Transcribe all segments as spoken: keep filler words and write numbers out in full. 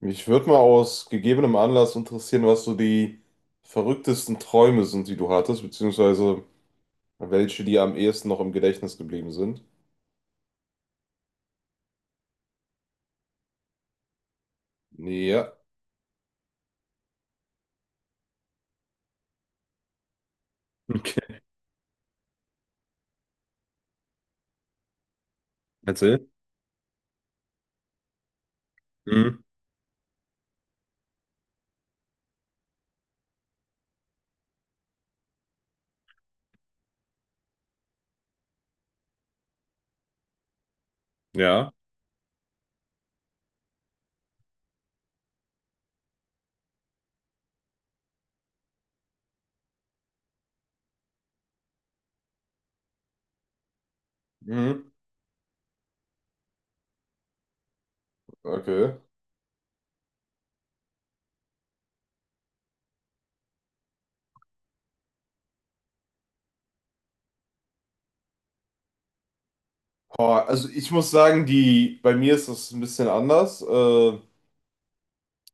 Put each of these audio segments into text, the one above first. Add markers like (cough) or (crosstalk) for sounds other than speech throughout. Mich würde mal aus gegebenem Anlass interessieren, was so die verrücktesten Träume sind, die du hattest, beziehungsweise welche dir am ehesten noch im Gedächtnis geblieben sind. Ja, okay. Erzähl. Mhm. Ja. Mhm. Okay. Boah, also ich muss sagen, die, bei mir ist das ein bisschen anders. Äh,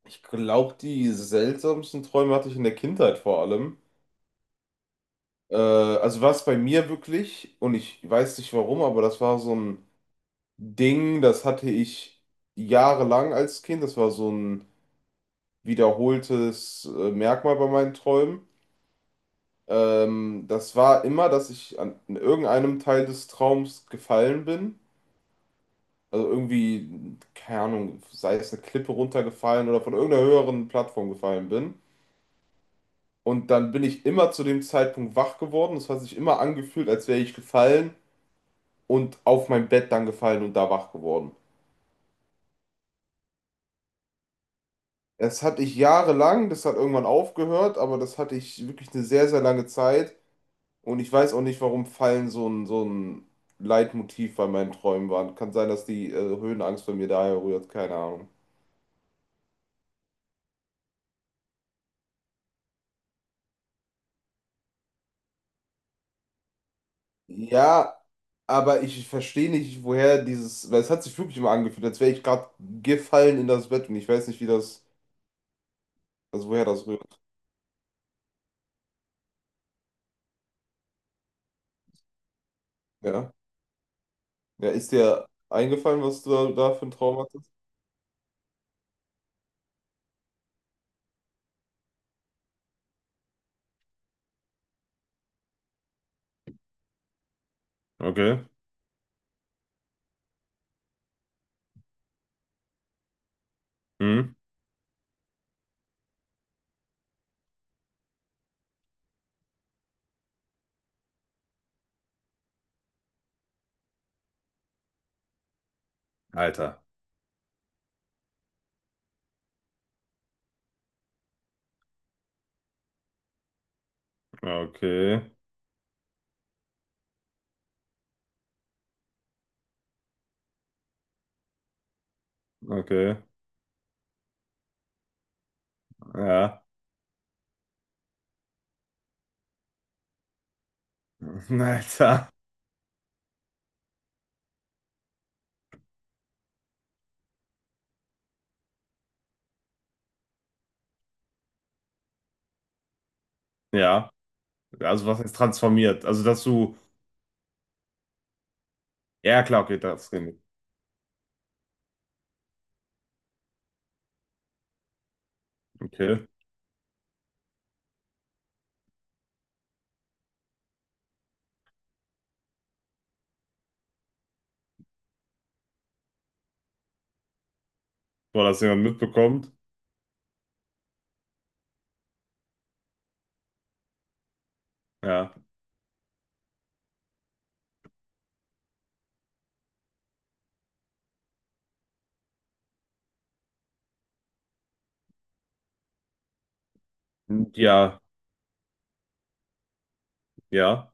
Ich glaube, die seltsamsten Träume hatte ich in der Kindheit vor allem. Äh, also war es bei mir wirklich, und ich weiß nicht warum, aber das war so ein Ding, das hatte ich jahrelang als Kind. Das war so ein wiederholtes äh, Merkmal bei meinen Träumen. Ähm, das war immer, dass ich an in irgendeinem Teil des Traums gefallen bin. Also irgendwie, keine Ahnung, sei es eine Klippe runtergefallen oder von irgendeiner höheren Plattform gefallen bin. Und dann bin ich immer zu dem Zeitpunkt wach geworden. Das hat sich immer angefühlt, als wäre ich gefallen und auf mein Bett dann gefallen und da wach geworden. Das hatte ich jahrelang, das hat irgendwann aufgehört, aber das hatte ich wirklich eine sehr, sehr lange Zeit. Und ich weiß auch nicht, warum Fallen so ein, so ein Leitmotiv bei meinen Träumen waren. Kann sein, dass die äh, Höhenangst bei mir daher rührt, keine Ahnung. Ja, aber ich verstehe nicht, woher dieses, weil es hat sich wirklich immer angefühlt, als wäre ich gerade gefallen in das Bett und ich weiß nicht, wie das, also woher das rührt. Ja. Ja, ist dir eingefallen, was du da, da für ein Traum hattest? Okay. Hm. Alter. Okay. Okay. Ja. (laughs) Alter. Ja, also was heißt transformiert? Also, dass du. Ja, klar, okay, das Gimmick. Okay. Boah, dass jemand mitbekommt. Ja. Ja, ja.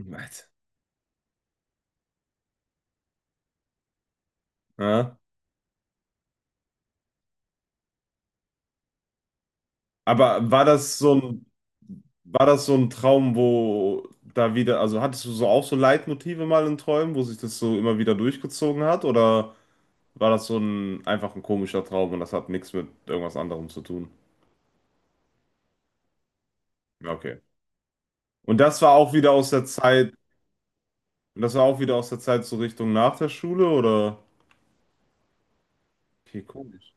Alter. Ja. Aber war das so ein, war das so ein Traum, wo da wieder, also hattest du so auch so Leitmotive mal in Träumen, wo sich das so immer wieder durchgezogen hat? Oder war das so ein einfach ein komischer Traum und das hat nichts mit irgendwas anderem zu tun? Ja, okay. Und das war auch wieder aus der Zeit. Und das war auch wieder aus der Zeit so Richtung nach der Schule, oder? Okay, komisch.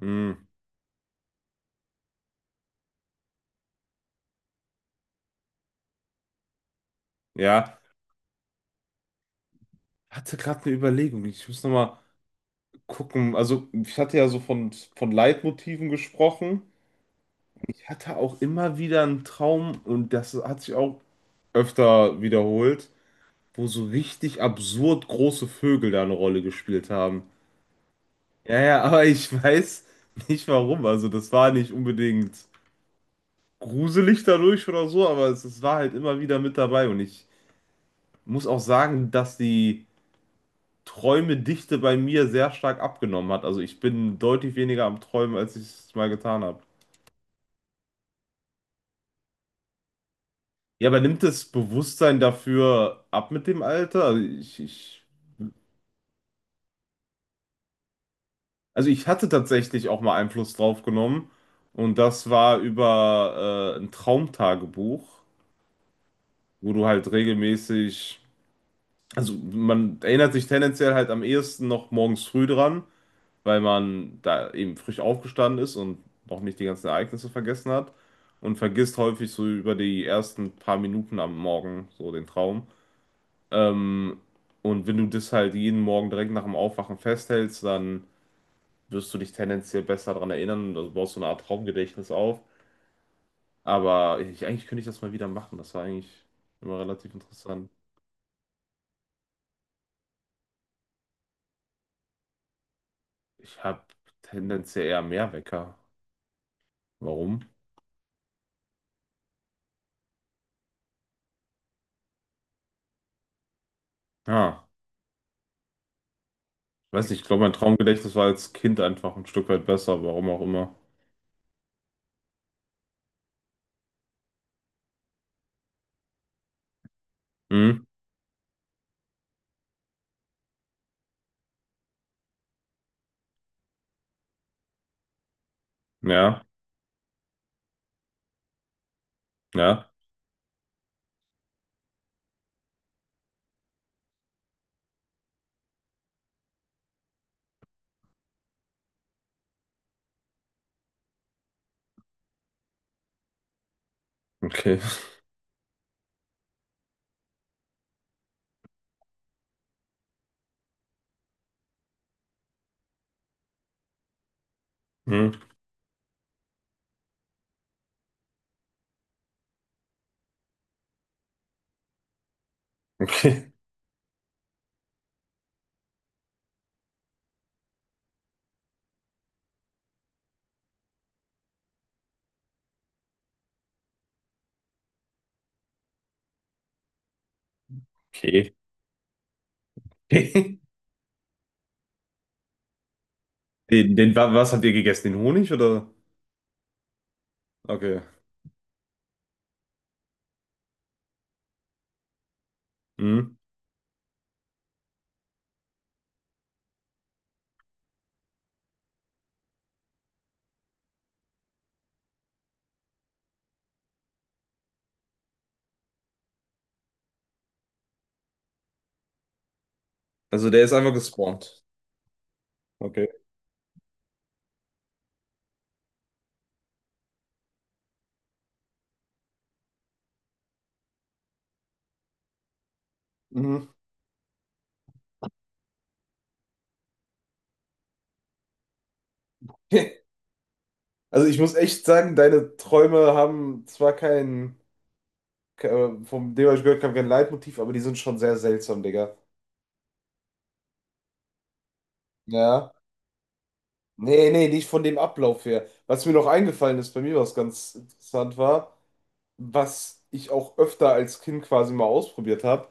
Hm, ja, ich hatte gerade eine Überlegung. Ich muss nochmal gucken. Also, ich hatte ja so von, von Leitmotiven gesprochen. Ich hatte auch immer wieder einen Traum, und das hat sich auch öfter wiederholt, wo so richtig absurd große Vögel da eine Rolle gespielt haben. Ja, ja, aber ich (laughs) weiß nicht warum. Also, das war nicht unbedingt gruselig dadurch oder so, aber es, es war halt immer wieder mit dabei und ich muss auch sagen, dass die Träumedichte bei mir sehr stark abgenommen hat. Also ich bin deutlich weniger am Träumen, als ich es mal getan habe. Ja, aber nimmt das Bewusstsein dafür ab mit dem Alter? Also ich, ich, also ich hatte tatsächlich auch mal Einfluss drauf genommen. Und das war über äh, ein Traumtagebuch, wo du halt regelmäßig, also man erinnert sich tendenziell halt am ehesten noch morgens früh dran, weil man da eben frisch aufgestanden ist und noch nicht die ganzen Ereignisse vergessen hat und vergisst häufig so über die ersten paar Minuten am Morgen so den Traum. Ähm, und wenn du das halt jeden Morgen direkt nach dem Aufwachen festhältst, dann wirst du dich tendenziell besser daran erinnern, also baust so eine Art Traumgedächtnis auf. Aber ich, eigentlich könnte ich das mal wieder machen. Das war eigentlich immer relativ interessant. Ich habe tendenziell eher mehr Wecker. Warum? Ja. Weiß nicht, ich glaube, mein Traumgedächtnis war als Kind einfach ein Stück weit besser, warum auch immer. Hm? Ja, ja, okay. (laughs) Hm? Okay. Okay. (laughs) Den, den, wa- was habt ihr gegessen? Den Honig oder? Okay. Hm? Also der ist einfach gespawnt. Okay. Mhm. (laughs) Also ich muss echt sagen, deine Träume haben zwar kein, ke- äh, von dem, was ich gehört habe, kein Leitmotiv, aber die sind schon sehr seltsam, Digga. Ja. Nee, nee, nicht von dem Ablauf her. Was mir noch eingefallen ist, bei mir was ganz interessant war, was ich auch öfter als Kind quasi mal ausprobiert habe.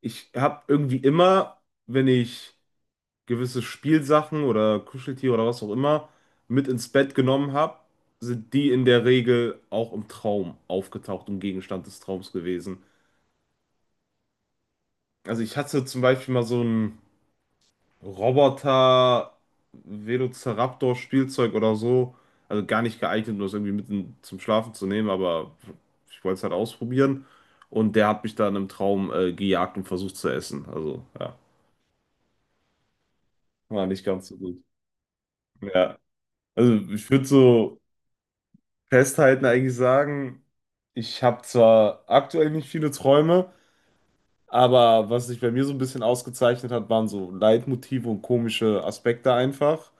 Ich habe irgendwie immer, wenn ich gewisse Spielsachen oder Kuscheltiere oder was auch immer mit ins Bett genommen habe, sind die in der Regel auch im Traum aufgetaucht, im Gegenstand des Traums gewesen. Also ich hatte zum Beispiel mal so ein Roboter, Velociraptor, Spielzeug oder so. Also gar nicht geeignet, um das irgendwie mitten zum Schlafen zu nehmen, aber ich wollte es halt ausprobieren. Und der hat mich dann im Traum äh, gejagt und versucht zu essen. Also ja, war nicht ganz so gut. Ja, also ich würde so festhalten eigentlich sagen, ich habe zwar aktuell nicht viele Träume, aber was sich bei mir so ein bisschen ausgezeichnet hat, waren so Leitmotive und komische Aspekte einfach.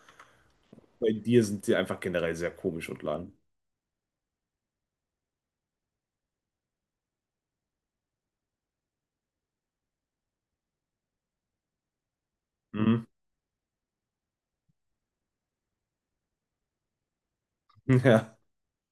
Bei dir sind die einfach generell sehr komisch und lang. Mhm. (laughs) Ja.